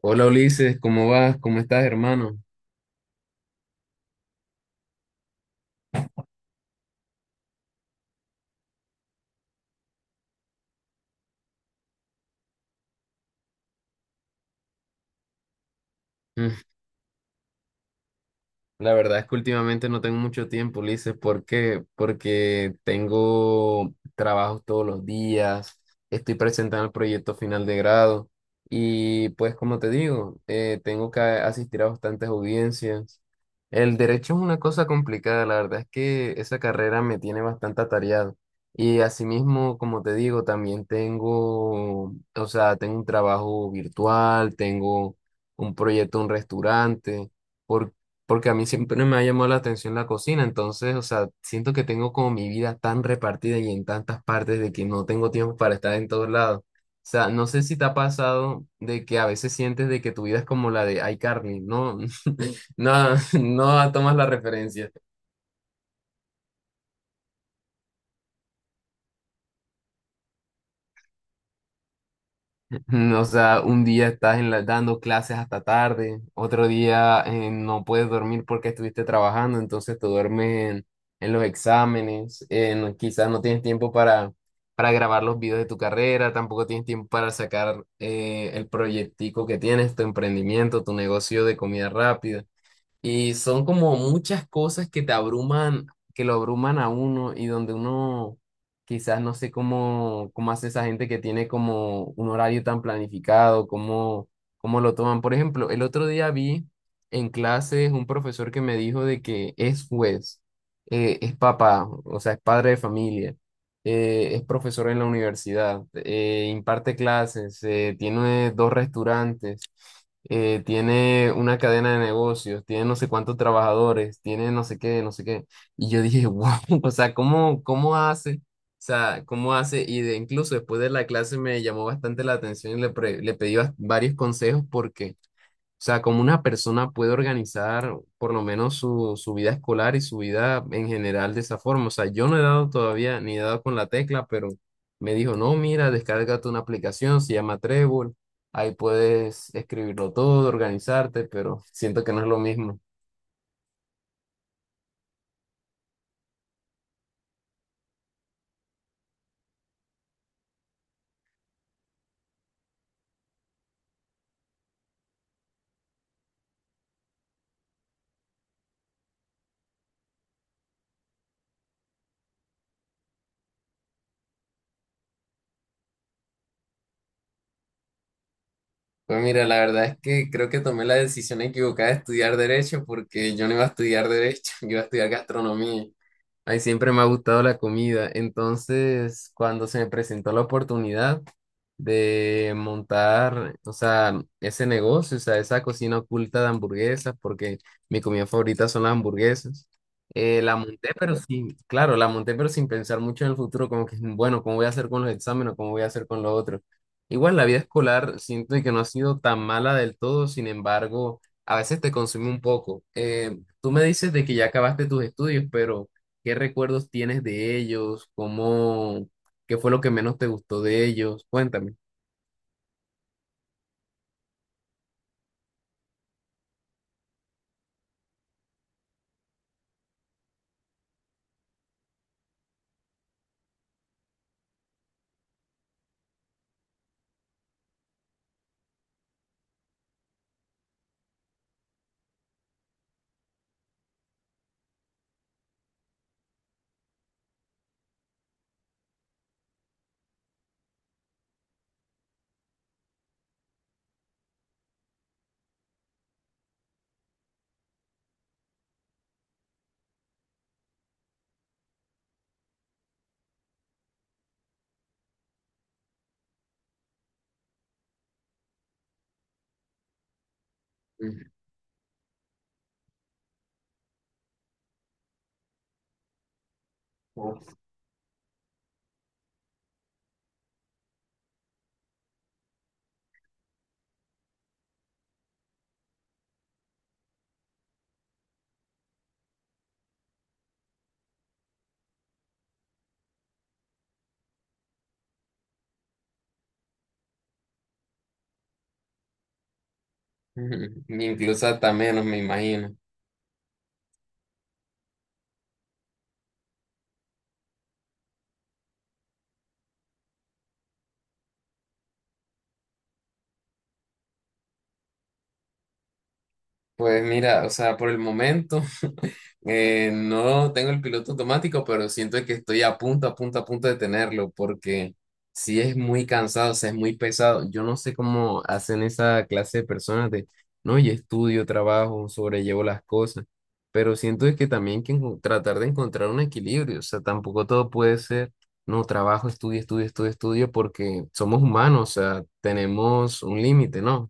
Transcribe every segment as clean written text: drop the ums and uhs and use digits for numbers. Hola Ulises, ¿cómo vas? ¿Cómo estás, hermano? Mm. La verdad es que últimamente no tengo mucho tiempo, Ulises. ¿Por qué? Porque tengo trabajos todos los días, estoy presentando el proyecto final de grado y pues como te digo, tengo que asistir a bastantes audiencias. El derecho es una cosa complicada, la verdad es que esa carrera me tiene bastante atareado. Y asimismo, como te digo, también tengo, o sea, tengo un trabajo virtual, tengo un proyecto, un restaurante porque a mí siempre me ha llamado la atención la cocina, entonces, o sea, siento que tengo como mi vida tan repartida y en tantas partes de que no tengo tiempo para estar en todos lados. O sea, no sé si te ha pasado de que a veces sientes de que tu vida es como la de iCarly, no, no, no tomas la referencia. O sea, un día estás en dando clases hasta tarde, otro día no puedes dormir porque estuviste trabajando, entonces te duermes en los exámenes, quizás no tienes tiempo para grabar los videos de tu carrera, tampoco tienes tiempo para sacar el proyectico que tienes, tu emprendimiento, tu negocio de comida rápida. Y son como muchas cosas que te abruman, que lo abruman a uno y donde uno quizás no sé cómo, cómo hace esa gente que tiene como un horario tan planificado, cómo, cómo lo toman. Por ejemplo, el otro día vi en clases un profesor que me dijo de que es juez, es papá, o sea, es padre de familia, es profesor en la universidad, imparte clases, tiene 2 restaurantes, tiene una cadena de negocios, tiene no sé cuántos trabajadores, tiene no sé qué, no sé qué. Y yo dije, wow, o sea, ¿cómo, cómo hace? O sea, ¿cómo hace? Y de, incluso después de la clase me llamó bastante la atención y le pedí varios consejos porque o sea, cómo una persona puede organizar por lo menos su, su vida escolar y su vida en general de esa forma. O sea, yo no he dado todavía ni he dado con la tecla, pero me dijo, no, mira, descárgate una aplicación, se llama Trello, ahí puedes escribirlo todo, organizarte, pero siento que no es lo mismo. Pues mira, la verdad es que creo que tomé la decisión equivocada de estudiar derecho porque yo no iba a estudiar derecho, yo iba a estudiar gastronomía. Ay, siempre me ha gustado la comida. Entonces, cuando se me presentó la oportunidad de montar, o sea, ese negocio, o sea, esa cocina oculta de hamburguesas, porque mi comida favorita son las hamburguesas, la monté, pero sí, claro, la monté, pero sin pensar mucho en el futuro, como que, bueno, ¿cómo voy a hacer con los exámenes? ¿Cómo voy a hacer con lo otro? Igual la vida escolar siento que no ha sido tan mala del todo, sin embargo, a veces te consume un poco. Tú me dices de que ya acabaste tus estudios, pero ¿qué recuerdos tienes de ellos? ¿Cómo, qué fue lo que menos te gustó de ellos? Cuéntame. Ujú. Uf. Incluso hasta menos, me imagino. Pues mira, o sea, por el momento. No tengo el piloto automático, pero siento que estoy a punto, a punto, a punto de tenerlo, porque si es muy cansado, o sea, es muy pesado. Yo no sé cómo hacen esa clase de personas de, no, y estudio, trabajo, sobrellevo las cosas, pero siento que también hay que tratar de encontrar un equilibrio, o sea, tampoco todo puede ser, no, trabajo, estudio, estudio, estudio, estudio, porque somos humanos, o sea, tenemos un límite, ¿no?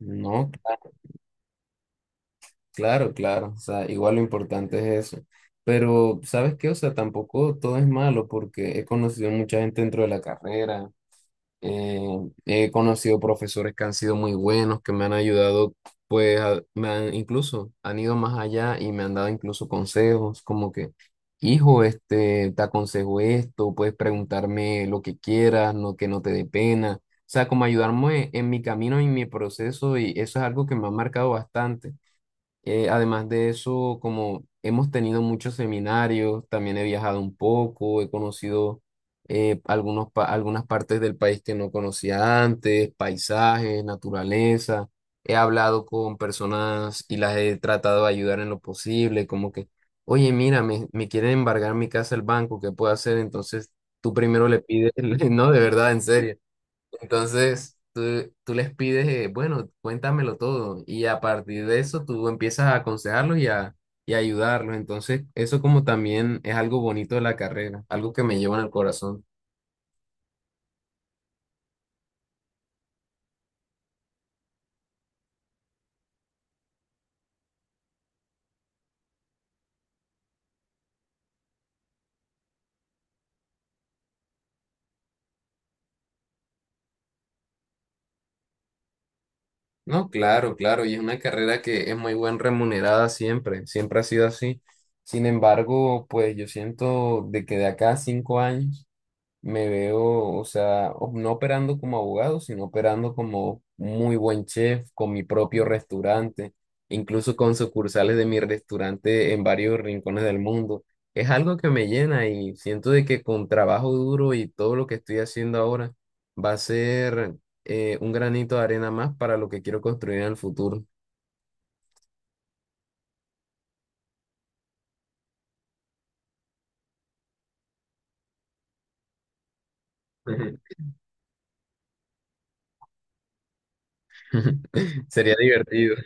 No, claro, claro, o sea, igual lo importante es eso. Pero, ¿sabes qué? O sea, tampoco todo es malo porque he conocido mucha gente dentro de la carrera, eh, he conocido profesores que han sido muy buenos, que me han ayudado, pues, me han, incluso han ido más allá y me han dado incluso consejos, como que, hijo, este, te aconsejo esto, puedes preguntarme lo que quieras, no que no te dé pena. O sea, como ayudarme en mi camino y en mi proceso y eso es algo que me ha marcado bastante. Además de eso, como hemos tenido muchos seminarios, también he viajado un poco, he conocido algunas partes del país que no conocía antes, paisajes, naturaleza. He hablado con personas y las he tratado de ayudar en lo posible, como que, oye, mira, me quieren embargar mi casa el banco, ¿qué puedo hacer? Entonces, tú primero le pides, no, de verdad, en serio. Entonces, tú les pides, bueno, cuéntamelo todo y a partir de eso tú empiezas a aconsejarlos y a ayudarlos. Entonces, eso como también es algo bonito de la carrera, algo que me lleva en el corazón. No, claro, claro, y es una carrera que es muy buen remunerada siempre, siempre ha sido así. Sin embargo, pues yo siento de que de acá a 5 años me veo, o sea, no operando como abogado, sino operando como muy buen chef, con mi propio restaurante, incluso con sucursales de mi restaurante en varios rincones del mundo. Es algo que me llena y siento de que con trabajo duro y todo lo que estoy haciendo ahora va a ser un granito de arena más para lo que quiero construir en el futuro. Sería divertido.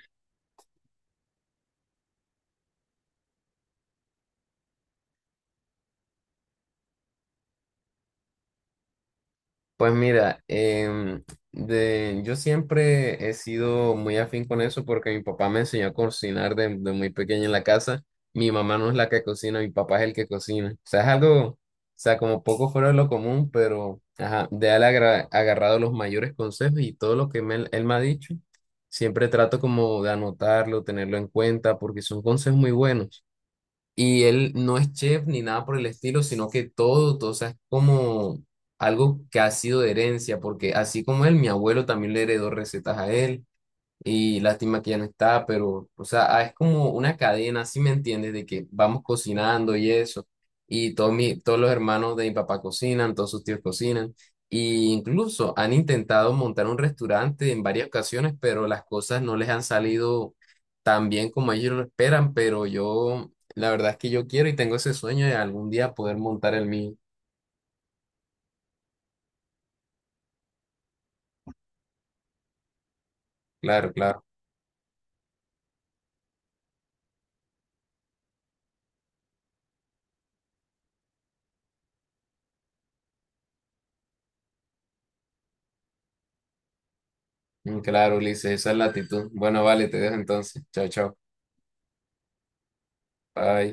Pues mira, yo siempre he sido muy afín con eso porque mi papá me enseñó a cocinar de muy pequeño en la casa. Mi mamá no es la que cocina, mi papá es el que cocina. O sea, es algo, o sea, como poco fuera de lo común, pero ajá, de él agarrado los mayores consejos y todo lo que él me ha dicho, siempre trato como de anotarlo, tenerlo en cuenta porque son consejos muy buenos. Y él no es chef ni nada por el estilo, sino que todo, todo, o sea, es como algo que ha sido de herencia, porque así como él, mi abuelo también le heredó recetas a él, y lástima que ya no está, pero, o sea, ah, es como una cadena, ¿si me entiendes? De que vamos cocinando y eso. Y todos, mi, todos los hermanos de mi papá cocinan, todos sus tíos cocinan. Y incluso han intentado montar un restaurante en varias ocasiones, pero las cosas no les han salido tan bien como ellos lo esperan. Pero yo, la verdad es que yo quiero y tengo ese sueño de algún día poder montar el mío. Claro, claro. Mm, claro, Ulises, esa es la actitud. Bueno, vale, te dejo entonces. Chao, chao. Bye.